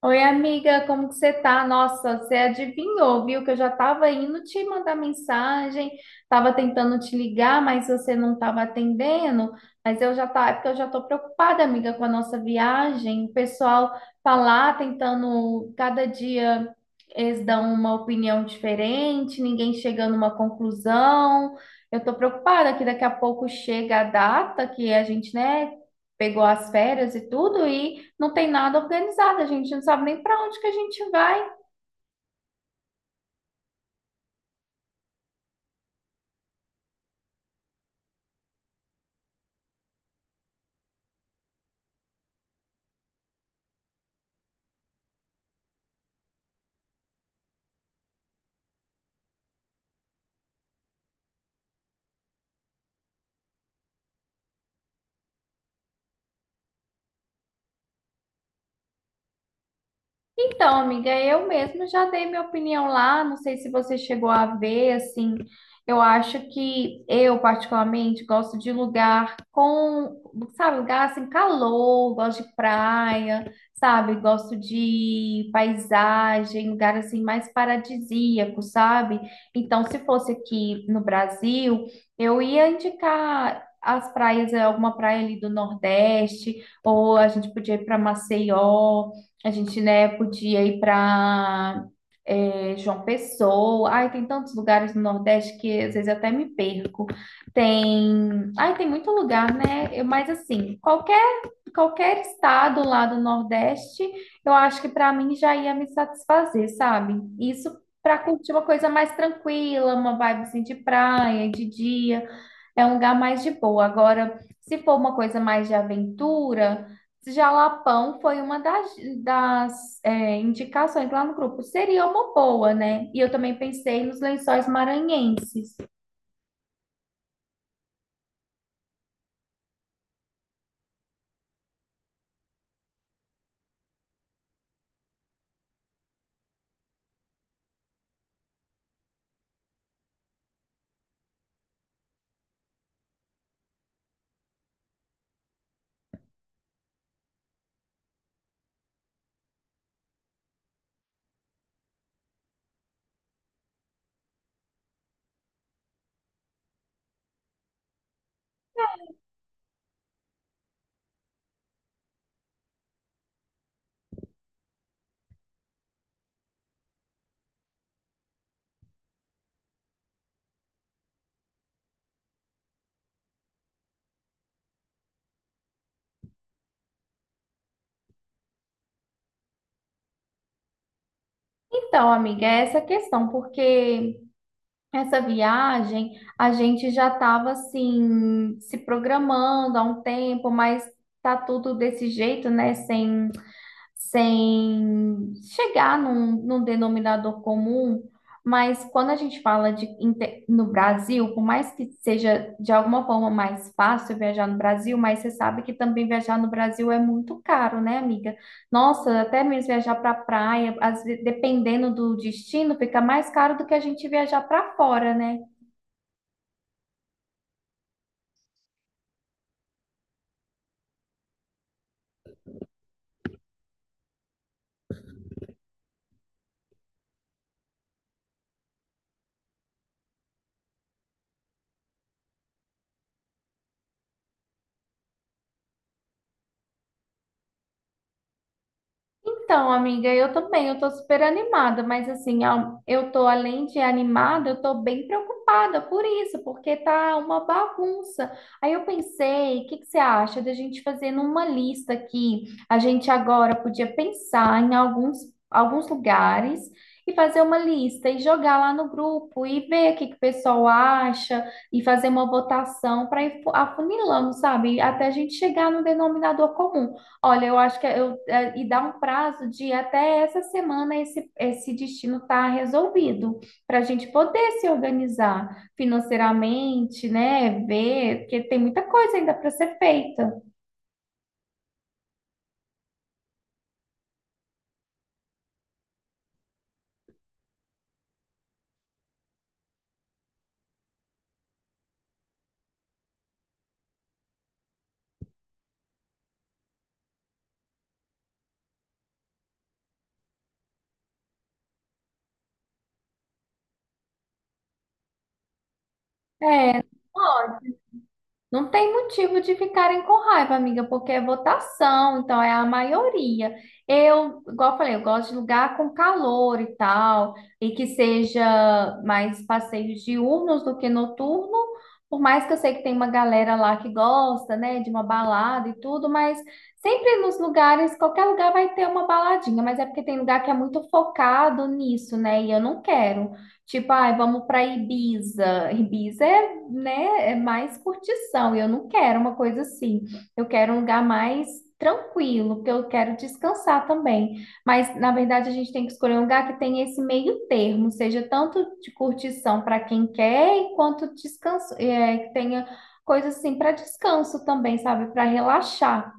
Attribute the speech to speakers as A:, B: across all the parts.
A: Oi, amiga, como que você tá? Nossa, você adivinhou, viu? Que eu já tava indo te mandar mensagem, tava tentando te ligar, mas você não tava atendendo. Mas eu já tá, é porque eu já tô preocupada, amiga, com a nossa viagem. O pessoal tá lá tentando, cada dia eles dão uma opinião diferente, ninguém chega numa conclusão. Eu tô preocupada que daqui a pouco chega a data que a gente, né, pegou as férias e tudo e não tem nada organizado, a gente não sabe nem para onde que a gente vai. Então, amiga, eu mesma já dei minha opinião lá, não sei se você chegou a ver, assim, eu acho que eu particularmente gosto de lugar com, sabe, lugar assim, calor, gosto de praia, sabe, gosto de paisagem, lugar assim mais paradisíaco, sabe? Então, se fosse aqui no Brasil, eu ia indicar as praias, alguma praia ali do Nordeste, ou a gente podia ir para Maceió, a gente, né, podia ir para João Pessoa. Ai, tem tantos lugares no Nordeste que às vezes eu até me perco. Tem, ai, tem muito lugar, né? Mas assim, qualquer estado lá do Nordeste, eu acho que para mim já ia me satisfazer, sabe? Isso para curtir uma coisa mais tranquila, uma vibe assim de praia, de dia, é um lugar mais de boa. Agora, se for uma coisa mais de aventura, Jalapão foi uma das indicações lá no grupo. Seria uma boa, né? E eu também pensei nos lençóis maranhenses. Então, amiga, é essa questão, porque essa viagem a gente já estava assim se programando há um tempo, mas tá tudo desse jeito, né? Sem chegar num denominador comum, mas quando a gente fala de no Brasil, por mais que seja de alguma forma mais fácil viajar no Brasil, mas você sabe que também viajar no Brasil é muito caro, né, amiga? Nossa, até mesmo viajar para praia, dependendo do destino, fica mais caro do que a gente viajar para fora, né? Então, amiga, eu também, eu tô super animada, mas assim, eu tô além de animada, eu tô bem preocupada por isso, porque tá uma bagunça. Aí eu pensei, o que que você acha da gente fazer numa lista aqui? A gente agora podia pensar em alguns, alguns lugares e fazer uma lista e jogar lá no grupo e ver o que que o pessoal acha e fazer uma votação para ir afunilando, sabe? Até a gente chegar no denominador comum. Olha, eu acho que é, eu, e dá um prazo de até essa semana esse, esse destino tá resolvido, para a gente poder se organizar financeiramente, né? Ver, porque tem muita coisa ainda para ser feita. Não tem motivo de ficarem com raiva, amiga, porque é votação, então é a maioria. Eu, igual eu falei, eu gosto de lugar com calor e tal, e que seja mais passeios diurnos do que noturno, por mais que eu sei que tem uma galera lá que gosta, né, de uma balada e tudo, mas sempre nos lugares, qualquer lugar vai ter uma baladinha, mas é porque tem lugar que é muito focado nisso, né, e eu não quero. Tipo, ai, vamos para Ibiza. Ibiza é né, é mais curtição. E eu não quero uma coisa assim. Eu quero um lugar mais tranquilo, porque eu quero descansar também. Mas, na verdade, a gente tem que escolher um lugar que tenha esse meio termo, seja tanto de curtição para quem quer, e quanto descanso, é, que tenha coisa assim para descanso também, sabe? Para relaxar.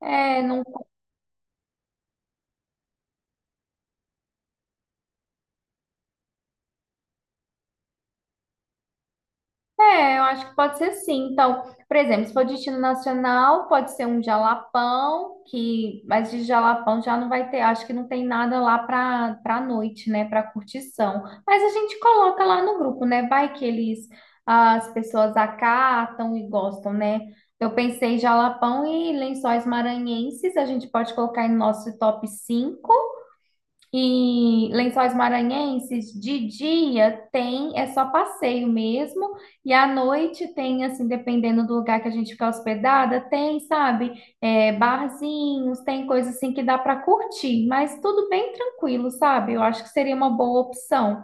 A: É, é, não. É, eu acho que pode ser sim. Então, por exemplo, se for destino nacional, pode ser um jalapão, que, mas de jalapão já não vai ter, acho que não tem nada lá para noite, né, para curtição. Mas a gente coloca lá no grupo, né? Vai que eles as pessoas acatam e gostam, né? Eu pensei em jalapão e lençóis maranhenses, a gente pode colocar em nosso top 5 e Lençóis Maranhenses, de dia tem, é só passeio mesmo, e à noite tem, assim, dependendo do lugar que a gente ficar hospedada, tem, sabe, é, barzinhos, tem coisa assim que dá para curtir, mas tudo bem tranquilo, sabe? Eu acho que seria uma boa opção.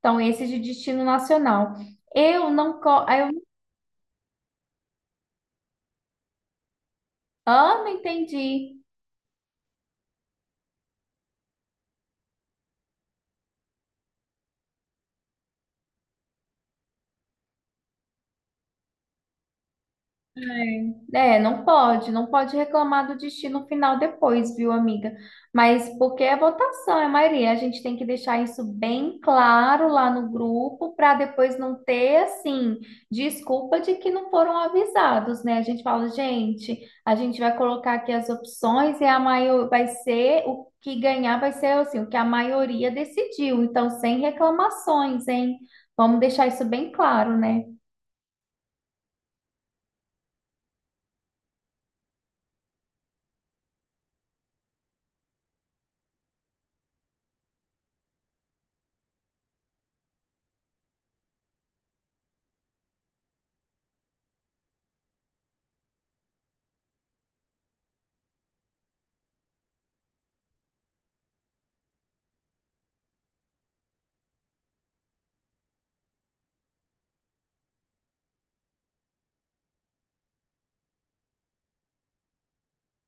A: Então, esse de destino nacional. Eu não, eu, ah, não entendi. É, é, não pode, não pode reclamar do destino final depois, viu, amiga? Mas porque é votação, é maioria. A gente tem que deixar isso bem claro lá no grupo para depois não ter, assim, desculpa de que não foram avisados, né? A gente fala, gente, a gente vai colocar aqui as opções e a maior vai ser o que ganhar vai ser assim, o que a maioria decidiu. Então, sem reclamações, hein? Vamos deixar isso bem claro, né?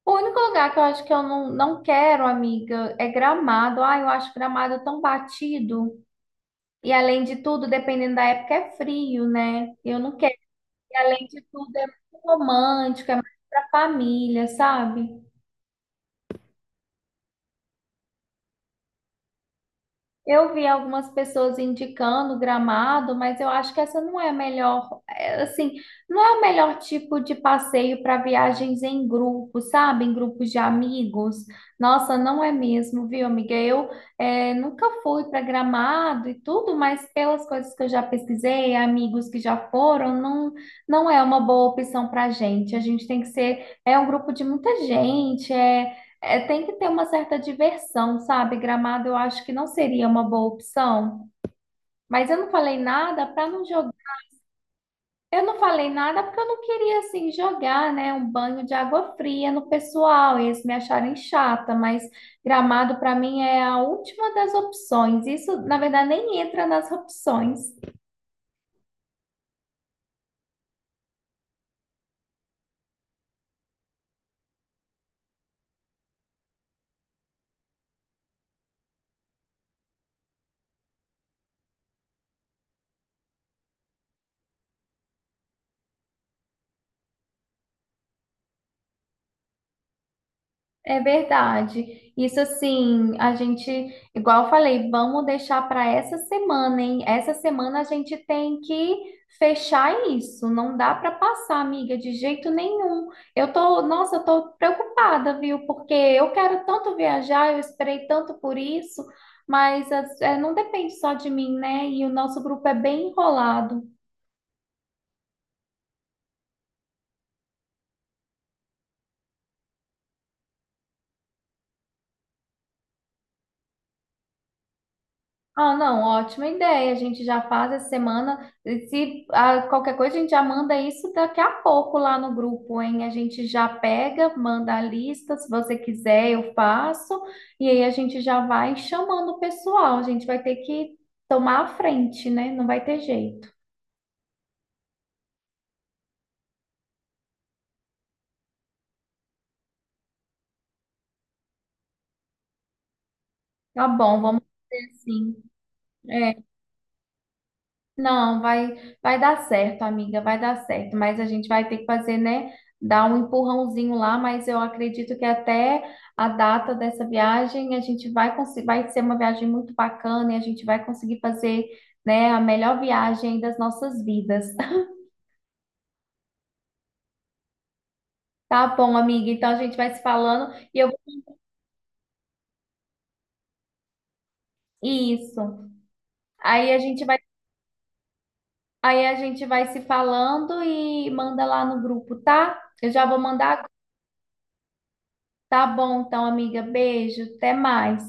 A: O único lugar que eu acho que eu não, não quero, amiga, é Gramado. Ah, eu acho Gramado tão batido. E além de tudo, dependendo da época, é frio, né? Eu não quero. E além de tudo, é muito romântico, é mais pra família, sabe? Eu vi algumas pessoas indicando Gramado, mas eu acho que essa não é a melhor, é, assim, não é o melhor tipo de passeio para viagens em grupo, sabe? Em grupos de amigos. Nossa, não é mesmo, viu, amiga? Eu é, nunca fui para Gramado e tudo, mas pelas coisas que eu já pesquisei, amigos que já foram, não, não é uma boa opção para a gente. A gente tem que ser, é um grupo de muita gente, tem que ter uma certa diversão, sabe? Gramado eu acho que não seria uma boa opção, mas eu não falei nada para não jogar. Eu não falei nada porque eu não queria assim jogar, né, um banho de água fria no pessoal e eles me acharem chata, mas Gramado para mim é a última das opções. Isso, na verdade, nem entra nas opções. É verdade. Isso assim, a gente, igual eu falei, vamos deixar para essa semana, hein? Essa semana a gente tem que fechar isso. Não dá para passar, amiga, de jeito nenhum. Eu tô, nossa, eu tô preocupada, viu? Porque eu quero tanto viajar, eu esperei tanto por isso, mas é, não depende só de mim, né? E o nosso grupo é bem enrolado. Ah, não, ótima ideia. A gente já faz essa semana. E se qualquer coisa, a gente já manda isso daqui a pouco lá no grupo, hein? A gente já pega, manda a lista. Se você quiser, eu faço. E aí a gente já vai chamando o pessoal. A gente vai ter que tomar a frente, né? Não vai ter jeito. Tá bom, vamos fazer assim. É, não, vai, vai dar certo, amiga, vai dar certo. Mas a gente vai ter que fazer, né? Dar um empurrãozinho lá, mas eu acredito que até a data dessa viagem a gente vai conseguir, vai ser uma viagem muito bacana e a gente vai conseguir fazer, né, a melhor viagem das nossas vidas. Tá bom, amiga? Então a gente vai se falando e eu isso. Aí a gente vai, aí a gente vai se falando e manda lá no grupo, tá? Eu já vou mandar. Tá bom, então, amiga. Beijo, até mais.